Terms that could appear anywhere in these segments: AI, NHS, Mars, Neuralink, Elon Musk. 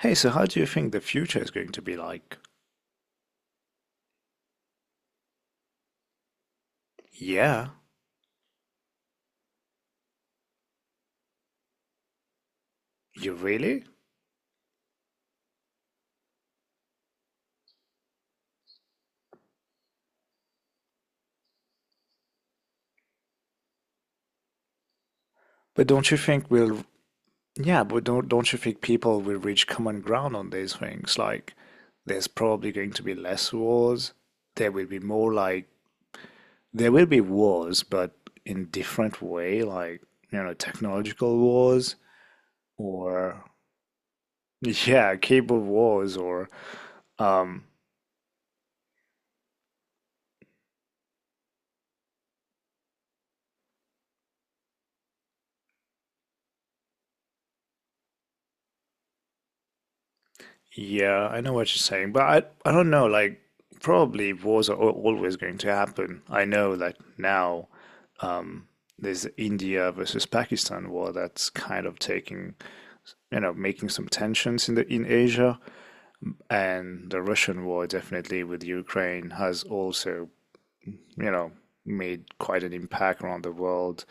Hey, so how do you think the future is going to be like? Yeah, you really? But don't you think we'll, yeah, but don't you think people will reach common ground on these things? Like, there's probably going to be less wars. There will be more like there will be wars, but in different way, like, you know, technological wars or yeah, cable wars or um yeah, I know what you're saying, but I don't know, like probably wars are always going to happen. I know that now. um there's the India versus Pakistan war that's kind of taking, you know, making some tensions in the in Asia, and the Russian war definitely with Ukraine has also, you know, made quite an impact around the world.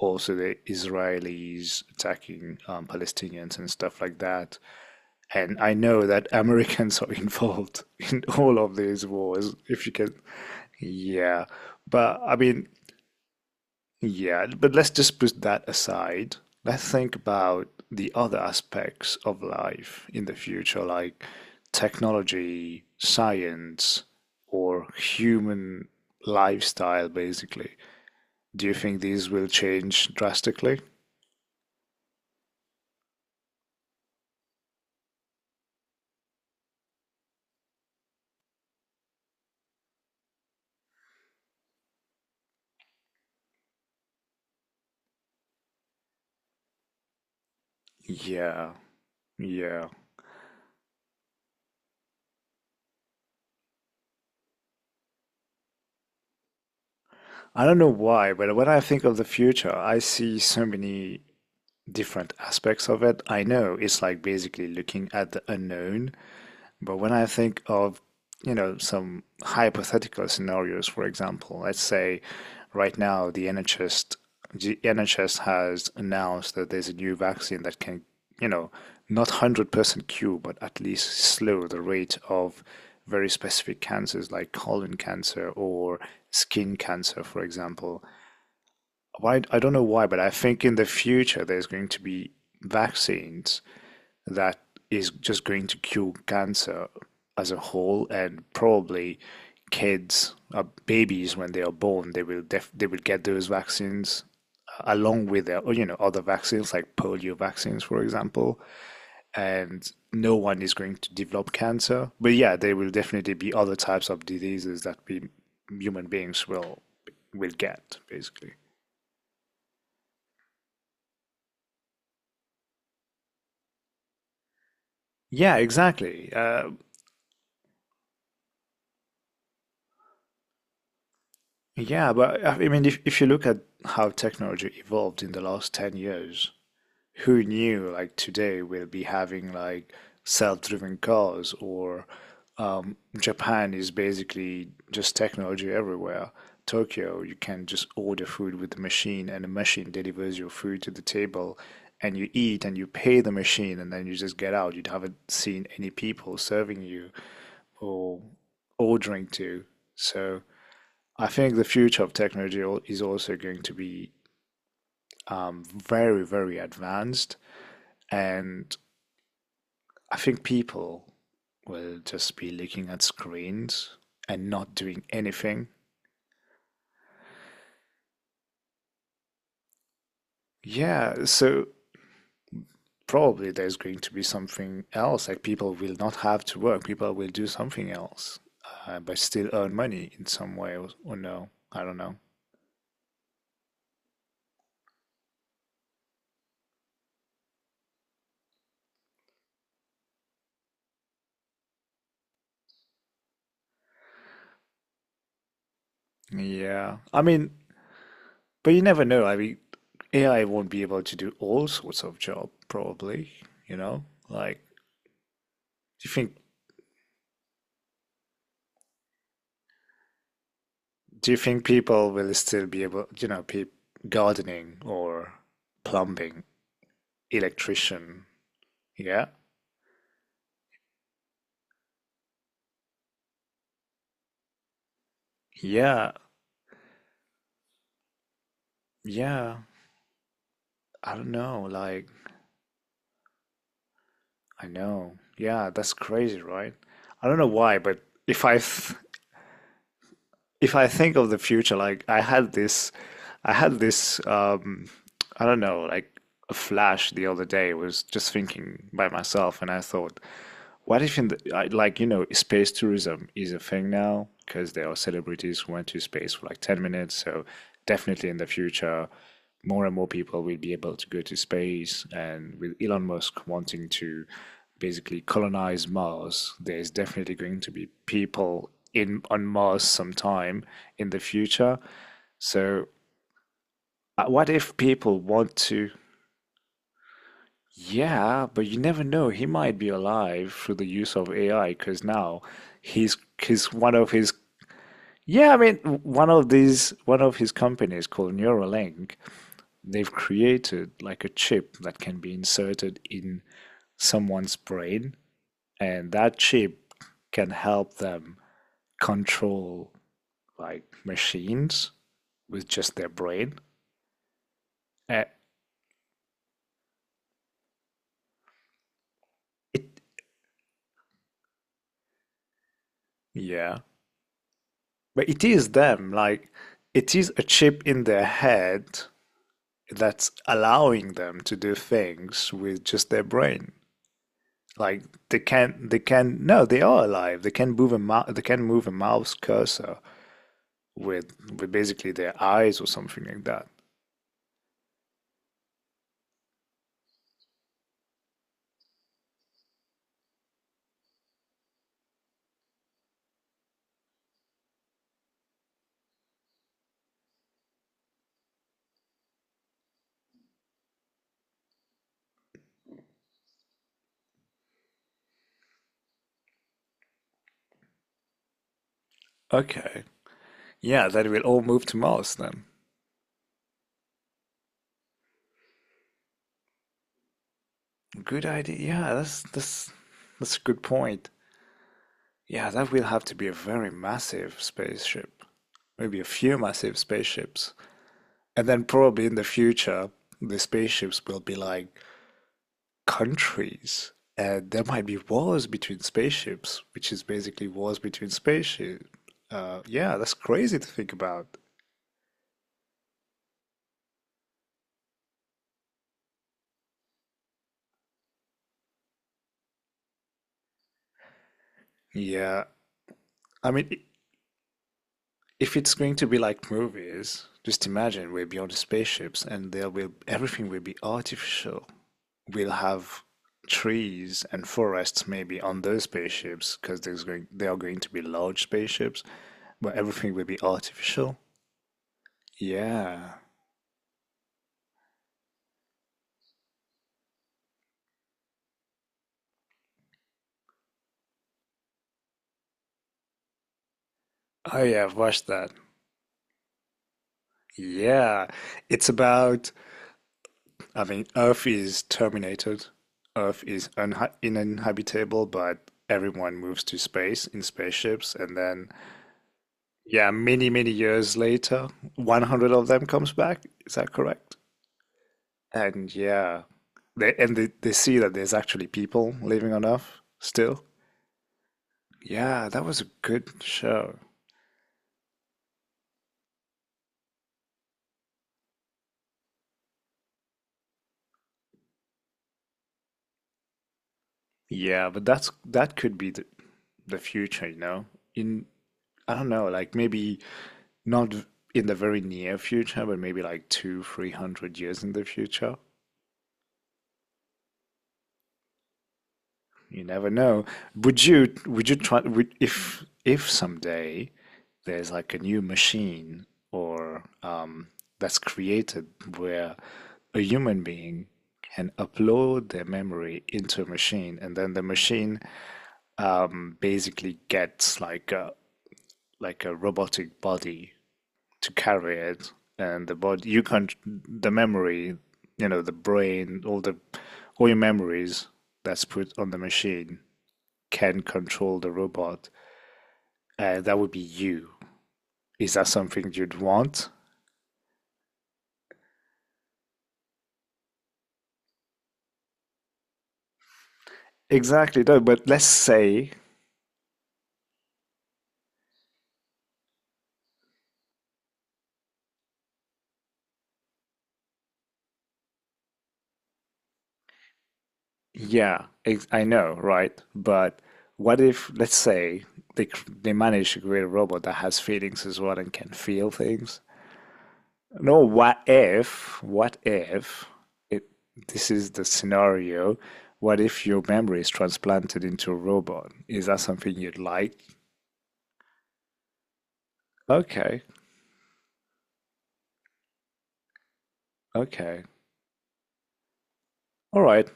Also, the Israelis attacking Palestinians and stuff like that. And I know that Americans are involved in all of these wars, if you can. Yeah. But I mean, yeah, but let's just put that aside. Let's think about the other aspects of life in the future, like technology, science, or human lifestyle, basically. Do you think these will change drastically? Yeah, yeah. I don't know why, but when I think of the future, I see so many different aspects of it. I know it's like basically looking at the unknown, but when I think of, you know, some hypothetical scenarios, for example, let's say right now the NHS has announced that there's a new vaccine that can, you know, not 100% cure, but at least slow the rate of very specific cancers like colon cancer or skin cancer, for example. Why I don't know why, but I think in the future there's going to be vaccines that is just going to cure cancer as a whole, and probably kids, babies. When they are born, they will def they will get those vaccines, along with their, you know, other vaccines like polio vaccines, for example, and no one is going to develop cancer. But yeah, there will definitely be other types of diseases that we human beings will get, basically. Yeah, exactly. Yeah, but I mean, if you look at how technology evolved in the last 10 years, who knew like today we'll be having like self-driven cars or Japan is basically just technology everywhere. Tokyo, you can just order food with the machine and the machine delivers your food to the table, and you eat and you pay the machine and then you just get out. You haven't seen any people serving you or ordering to. So I think the future of technology is also going to be very, very advanced. And I think people will just be looking at screens and not doing anything. Yeah, so probably there's going to be something else. Like, people will not have to work, people will do something else, but still earn money in some way, or no. I don't know. Yeah. I mean, but you never know. I mean, AI won't be able to do all sorts of job, probably, you know? Like, do you think do you think people will still be able, you know, pe gardening or plumbing, electrician? Yeah. Yeah. Yeah. I don't know. Like, I know. Yeah, that's crazy, right? I don't know why, but if I think of the future, like I had this, I don't know, like a flash the other day. I was just thinking by myself, and I thought, what if like space tourism is a thing now because there are celebrities who went to space for like 10 minutes. So definitely in the future, more and more people will be able to go to space, and with Elon Musk wanting to basically colonize Mars, there's definitely going to be people in on Mars sometime in the future. So what if people want to? Yeah, but you never know. He might be alive through the use of AI because now he's one of his yeah, I mean, one of his companies called Neuralink, they've created like a chip that can be inserted in someone's brain, and that chip can help them control like machines with just their brain. Uh, it Yeah, but it is them. Like, it is a chip in their head that's allowing them to do things with just their brain. Like, they can. No, they are alive. They can move a mouse cursor with basically their eyes or something like that. Okay. Yeah, that will all move to Mars then. Good idea. Yeah, that's a good point. Yeah, that will have to be a very massive spaceship. Maybe a few massive spaceships. And then probably in the future, the spaceships will be like countries, and there might be wars between spaceships, which is basically wars between spaceships. Yeah, that's crazy to think about. Yeah, I mean, if it's going to be like movies, just imagine we're beyond the spaceships, and there will everything will be artificial. We'll have trees and forests maybe on those spaceships because there's going they are going to be large spaceships, but everything will be artificial. Yeah. Oh yeah, I've watched that. Yeah, it's about, I mean, Earth is terminated. Earth is unha uninhabitable, but everyone moves to space in spaceships. And then, yeah, many, many years later, 100 of them comes back. Is that correct? And yeah, they see that there's actually people living on Earth still. Yeah, that was a good show. Yeah, but that could be the future, you know? In I don't know, like maybe not in the very near future, but maybe like two, 300 years in the future. You never know. Would you try if someday there's like a new machine or that's created where a human being can upload their memory into a machine, and then the machine, basically gets like a robotic body to carry it. And the body, you can't, the memory, you know, the brain, all the all your memories that's put on the machine can control the robot, and that would be you. Is that something you'd want? Exactly. No, but let's say, yeah, I know, right, but what if, let's say they they manage to create a robot that has feelings as well and can feel things. No, what if it, this is the scenario? What if your memory is transplanted into a robot? Is that something you'd like? Okay, okay. All right.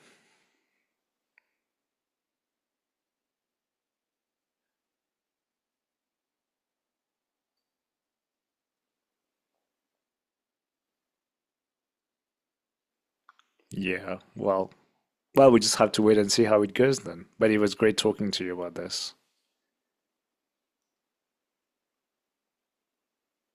Yeah, well, we just have to wait and see how it goes then. But it was great talking to you about this.